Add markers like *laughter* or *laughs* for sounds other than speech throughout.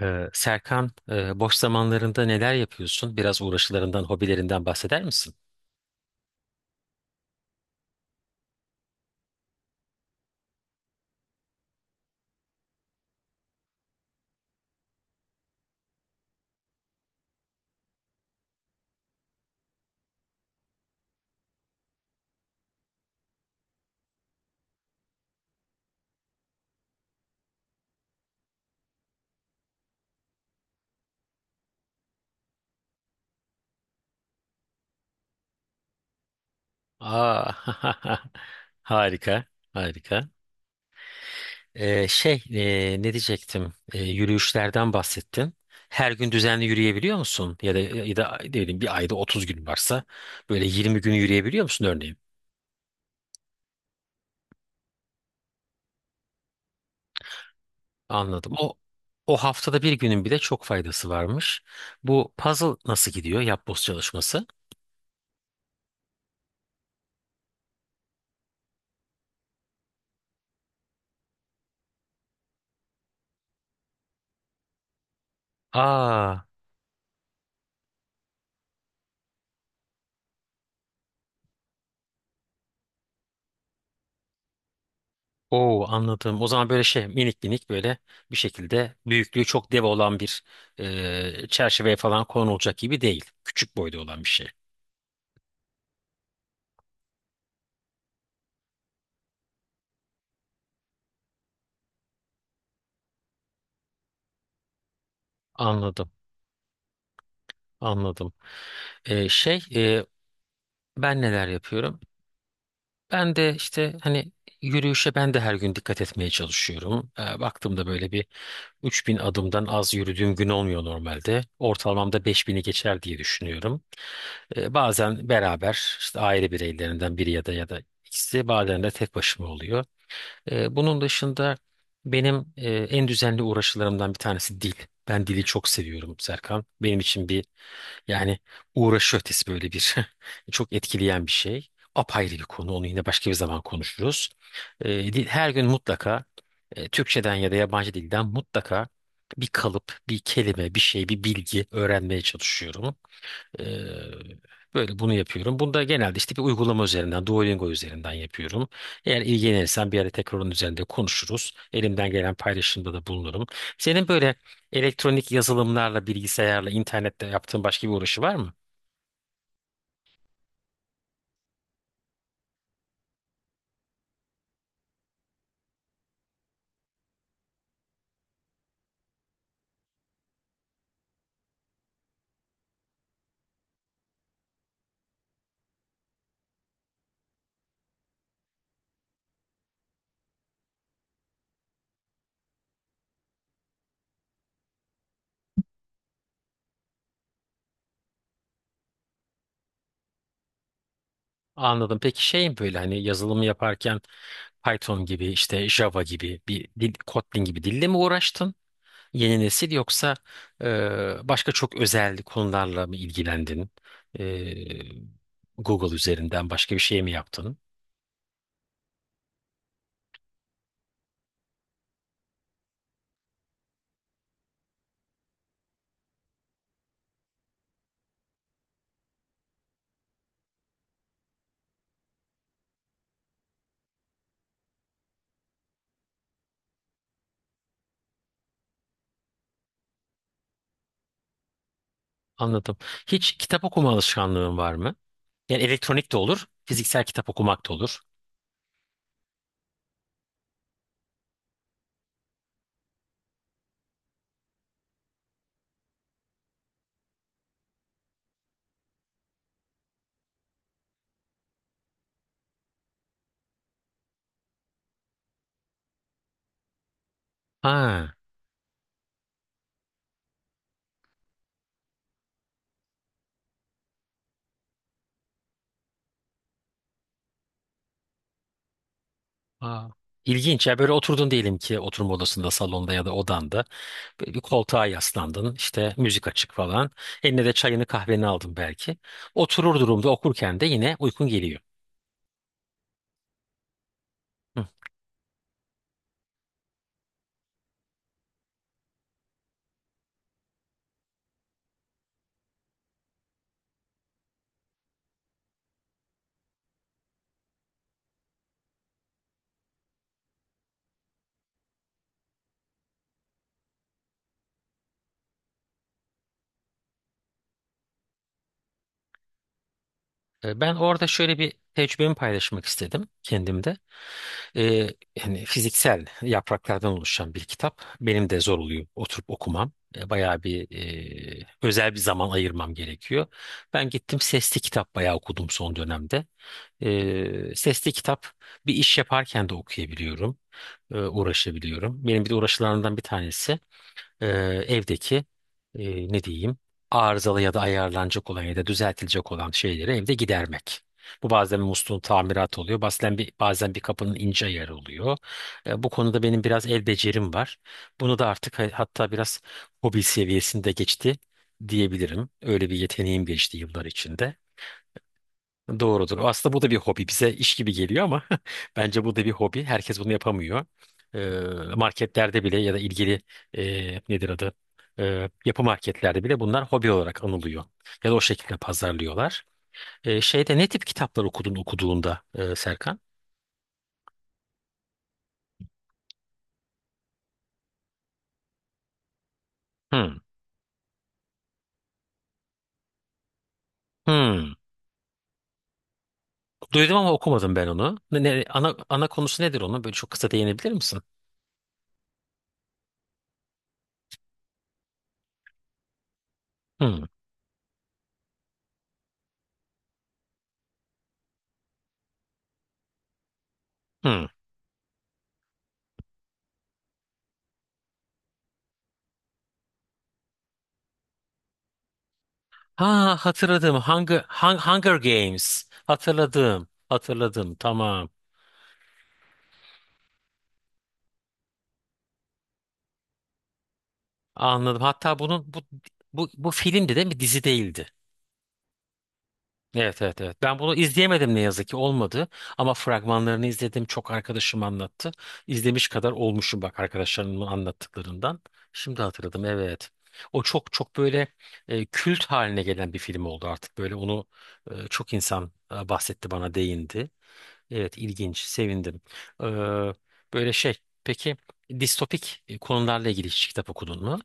Serkan, boş zamanlarında neler yapıyorsun? Biraz uğraşılarından, hobilerinden bahseder misin? Aa, *laughs* harika, harika. Şey, ne diyecektim? Yürüyüşlerden bahsettin. Her gün düzenli yürüyebiliyor musun? Ya da ne bileyim bir ayda 30 gün varsa böyle 20 gün yürüyebiliyor musun örneğin? Anladım. O haftada bir günün bile çok faydası varmış. Bu puzzle nasıl gidiyor? Yapboz çalışması. Aa. Oo, anladım. O zaman böyle şey minik minik böyle bir şekilde büyüklüğü çok dev olan bir çerçeveye falan konulacak gibi değil. Küçük boyda olan bir şey. Anladım. Anladım. Şey ben neler yapıyorum? Ben de işte hani yürüyüşe ben de her gün dikkat etmeye çalışıyorum. Baktığımda böyle bir 3000 adımdan az yürüdüğüm gün olmuyor normalde. Ortalamamda 5000'i geçer diye düşünüyorum. Bazen beraber işte aile bireylerinden biri ya da ikisi bazen de tek başıma oluyor. Bunun dışında benim en düzenli uğraşılarımdan bir tanesi dil. Ben dili çok seviyorum Serkan. Benim için bir, yani uğraşı ötesi böyle bir *laughs* çok etkileyen bir şey. Apayrı bir konu. Onu yine başka bir zaman konuşuruz. Her gün mutlaka Türkçeden ya da yabancı dilden mutlaka bir kalıp, bir kelime, bir şey, bir bilgi öğrenmeye çalışıyorum. Ee, Böyle bunu yapıyorum. Bunu da genelde işte bir uygulama üzerinden, Duolingo üzerinden yapıyorum. Eğer ilgilenirsen bir ara tekrar onun üzerinde konuşuruz. Elimden gelen paylaşımda da bulunurum. Senin böyle elektronik yazılımlarla, bilgisayarla, internette yaptığın başka bir uğraşı var mı? Anladım. Peki şey mi böyle hani yazılımı yaparken Python gibi, işte Java gibi bir dil, Kotlin gibi dille mi uğraştın? Yeni nesil yoksa başka çok özel konularla mı ilgilendin? E, Google üzerinden başka bir şey mi yaptın? Anladım. Hiç kitap okuma alışkanlığın var mı? Yani elektronik de olur, fiziksel kitap okumak da olur. Ha. Aa, ilginç ya, böyle oturdun diyelim ki oturma odasında, salonda ya da odanda. Böyle bir koltuğa yaslandın, işte müzik açık falan. Eline de çayını kahveni aldın belki. Oturur durumda okurken de yine uykun geliyor. Hı. Ben orada şöyle bir tecrübemi paylaşmak istedim kendimde. Ee, Yani fiziksel yapraklardan oluşan bir kitap. Benim de zor oluyor oturup okumam. Bayağı bir özel bir zaman ayırmam gerekiyor. Ben gittim sesli kitap bayağı okudum son dönemde. Sesli kitap bir iş yaparken de okuyabiliyorum. Uğraşabiliyorum. Benim bir de uğraşılarımdan bir tanesi e, evdeki ne diyeyim arızalı ya da ayarlanacak olan ya da düzeltilecek olan şeyleri evde gidermek. Bu bazen bir musluğun tamiratı oluyor. Bazen bir kapının ince ayarı oluyor. Bu konuda benim biraz el becerim var. Bunu da artık hatta biraz hobi seviyesinde geçti diyebilirim. Öyle bir yeteneğim geçti yıllar içinde. Doğrudur. Aslında bu da bir hobi. Bize iş gibi geliyor ama *laughs* bence bu da bir hobi. Herkes bunu yapamıyor. Ee, Marketlerde bile ya da ilgili nedir adı? Yapı marketlerde bile bunlar hobi olarak anılıyor. Ya da o şekilde pazarlıyorlar. Şeyde ne tip kitaplar okudun okuduğunda Serkan? Hmm. Hmm. Duydum ama okumadım ben onu. Ana konusu nedir onun? Böyle çok kısa değinebilir misin? Hmm. Hmm. Ha, hatırladım. Hunger Games. Hatırladım. Hatırladım. Tamam. Anladım. Hatta bunun bu filmdi değil mi? Dizi değildi. Evet, evet, evet. Ben bunu izleyemedim ne yazık ki olmadı. Ama fragmanlarını izledim. Çok arkadaşım anlattı. İzlemiş kadar olmuşum bak arkadaşlarımın anlattıklarından. Şimdi hatırladım evet. O çok çok böyle kült haline gelen bir film oldu artık. Böyle onu çok insan bahsetti bana değindi. Evet, ilginç, sevindim. Ee, Böyle şey peki distopik konularla ilgili hiç kitap okudun mu?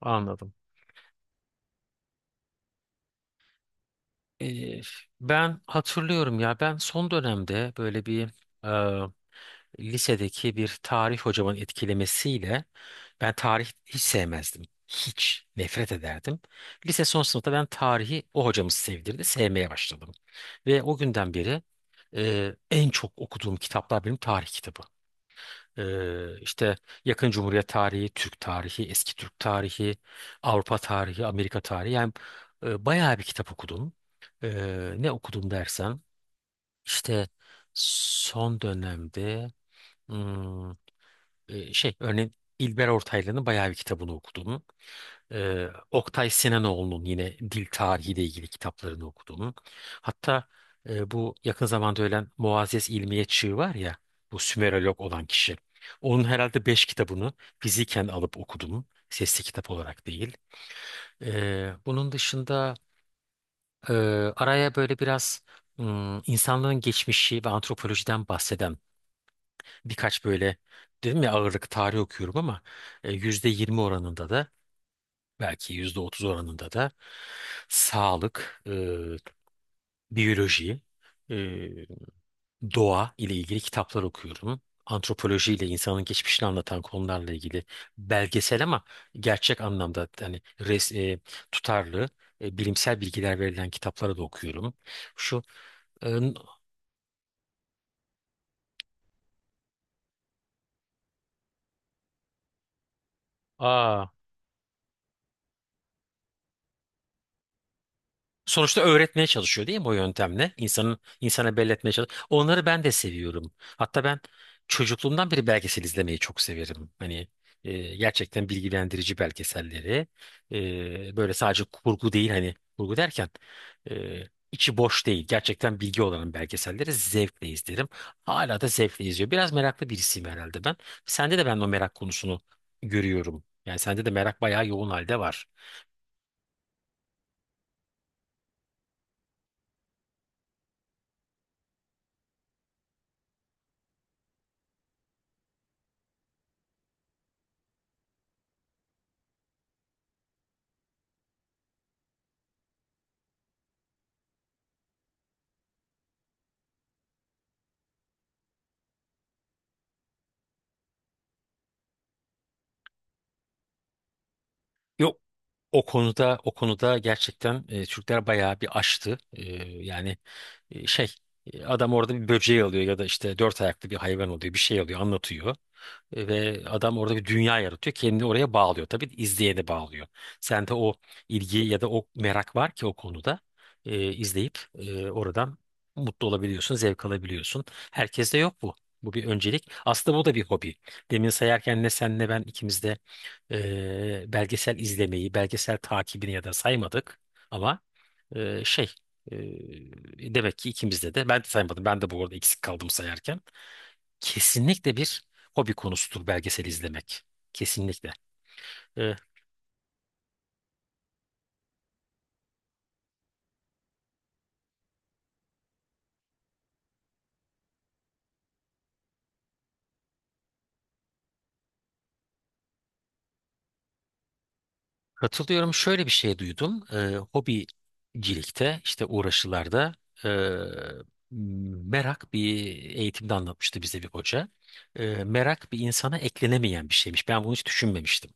Anladım. Ee, Ben hatırlıyorum ya ben son dönemde böyle bir e, lisedeki bir tarih hocamın etkilemesiyle ben tarih hiç sevmezdim. Hiç nefret ederdim. Lise son sınıfta ben tarihi o hocamız sevdirdi, sevmeye başladım. Ve o günden beri en çok okuduğum kitaplar benim tarih kitabı. İşte yakın Cumhuriyet tarihi, Türk tarihi, eski Türk tarihi, Avrupa tarihi, Amerika tarihi. Yani bayağı bir kitap okudum. Ne okudum dersen işte son dönemde hmm, şey örneğin İlber Ortaylı'nın bayağı bir kitabını okudum. Oktay Sinanoğlu'nun yine dil tarihiyle ilgili kitaplarını okudum. Hatta bu yakın zamanda ölen Muazzez İlmiye Çığ var ya, bu Sümerolog olan kişi. Onun herhalde beş kitabını fiziken alıp okudum. Sesli kitap olarak değil. Bunun dışında e, araya böyle biraz insanlığın geçmişi ve antropolojiden bahseden birkaç böyle, dedim ya ağırlık tarih okuyorum ama %20 oranında da belki %30 oranında da sağlık, biyoloji, e, doğa ile ilgili kitaplar okuyorum. Antropoloji ile insanın geçmişini anlatan konularla ilgili belgesel ama gerçek anlamda hani tutarlı bilimsel bilgiler verilen kitapları da okuyorum. Şu e, n- Aa, sonuçta öğretmeye çalışıyor değil mi o yöntemle? İnsanın insana belli etmeye çalışıyor. Onları ben de seviyorum. Hatta ben çocukluğumdan beri belgesel izlemeyi çok severim. Hani gerçekten bilgilendirici belgeselleri. Böyle sadece kurgu değil, hani kurgu derken e, içi boş değil. Gerçekten bilgi olan belgeselleri zevkle izlerim. Hala da zevkle izliyor. Biraz meraklı birisiyim herhalde ben. Sende de ben o merak konusunu görüyorum. Yani sende de merak bayağı yoğun halde var. Yok. O konuda gerçekten Türkler bayağı bir aştı. Yani şey adam orada bir böceği alıyor ya da işte dört ayaklı bir hayvan oluyor, bir şey alıyor anlatıyor. Ve adam orada bir dünya yaratıyor. Kendini oraya bağlıyor. Tabii izleyeni bağlıyor. Sende o ilgi ya da o merak var ki o konuda izleyip oradan mutlu olabiliyorsun, zevk alabiliyorsun. Herkeste yok bu. Bu bir öncelik. Aslında bu da bir hobi. Demin sayarken ne sen ne ben ikimiz de belgesel izlemeyi, belgesel takibini ya da saymadık. Ama şey demek ki ikimizde de, ben de saymadım. Ben de bu arada eksik kaldım sayarken, kesinlikle bir hobi konusudur belgesel izlemek. Kesinlikle. Ee, Katılıyorum. Şöyle bir şey duydum. Hobicilikte işte uğraşılarda ee, merak bir eğitimde anlatmıştı bize bir hoca. Merak bir insana eklenemeyen bir şeymiş. Ben bunu hiç düşünmemiştim.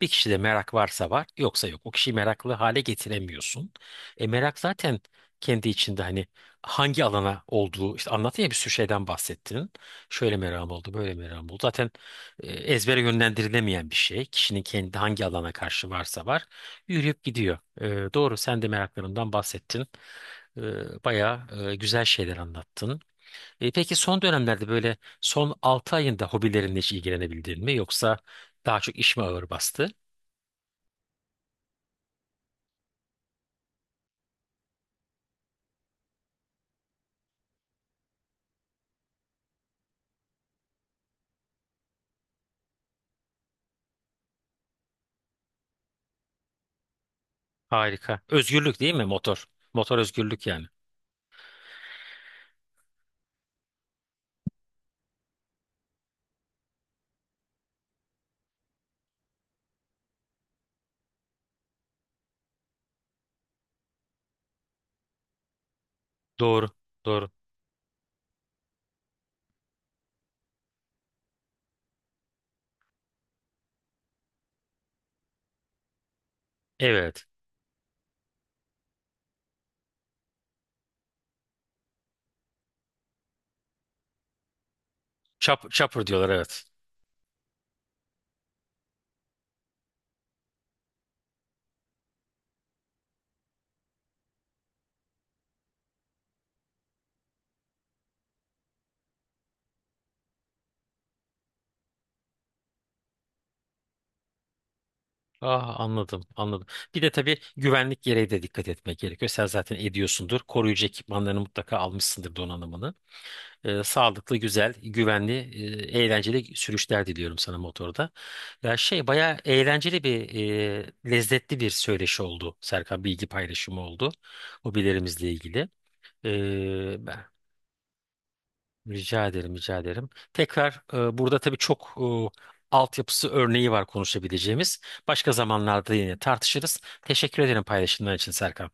Bir kişide merak varsa var, yoksa yok. O kişiyi meraklı hale getiremiyorsun. Merak zaten kendi içinde hani hangi alana olduğu, işte anlattın ya bir sürü şeyden bahsettin. Şöyle merakım oldu, böyle merakım oldu. Zaten ezbere yönlendirilemeyen bir şey. Kişinin kendi hangi alana karşı varsa var, yürüyüp gidiyor. Doğru, sen de meraklarından bahsettin. Bayağı güzel şeyler anlattın. Peki son dönemlerde böyle son 6 ayında hobilerinle hiç ilgilenebildin mi? Yoksa daha çok iş mi ağır bastı? Harika. Özgürlük değil mi motor? Motor özgürlük yani. Doğru. Doğru. Evet. Chopper diyorlar, evet. Ah, anladım anladım. Bir de tabii güvenlik gereği de dikkat etmek gerekiyor. Sen zaten ediyorsundur. Koruyucu ekipmanlarını mutlaka almışsındır, donanımını. Sağlıklı, güzel, güvenli, eğlenceli sürüşler diliyorum sana motorda. Ya şey bayağı eğlenceli bir, lezzetli bir söyleşi oldu Serkan, bilgi paylaşımı oldu. Hobilerimizle ilgili. Ee, Rica ederim, rica ederim. Tekrar burada tabii çok altyapısı örneği var konuşabileceğimiz. Başka zamanlarda yine tartışırız. Teşekkür ederim paylaşımlar için Serkan.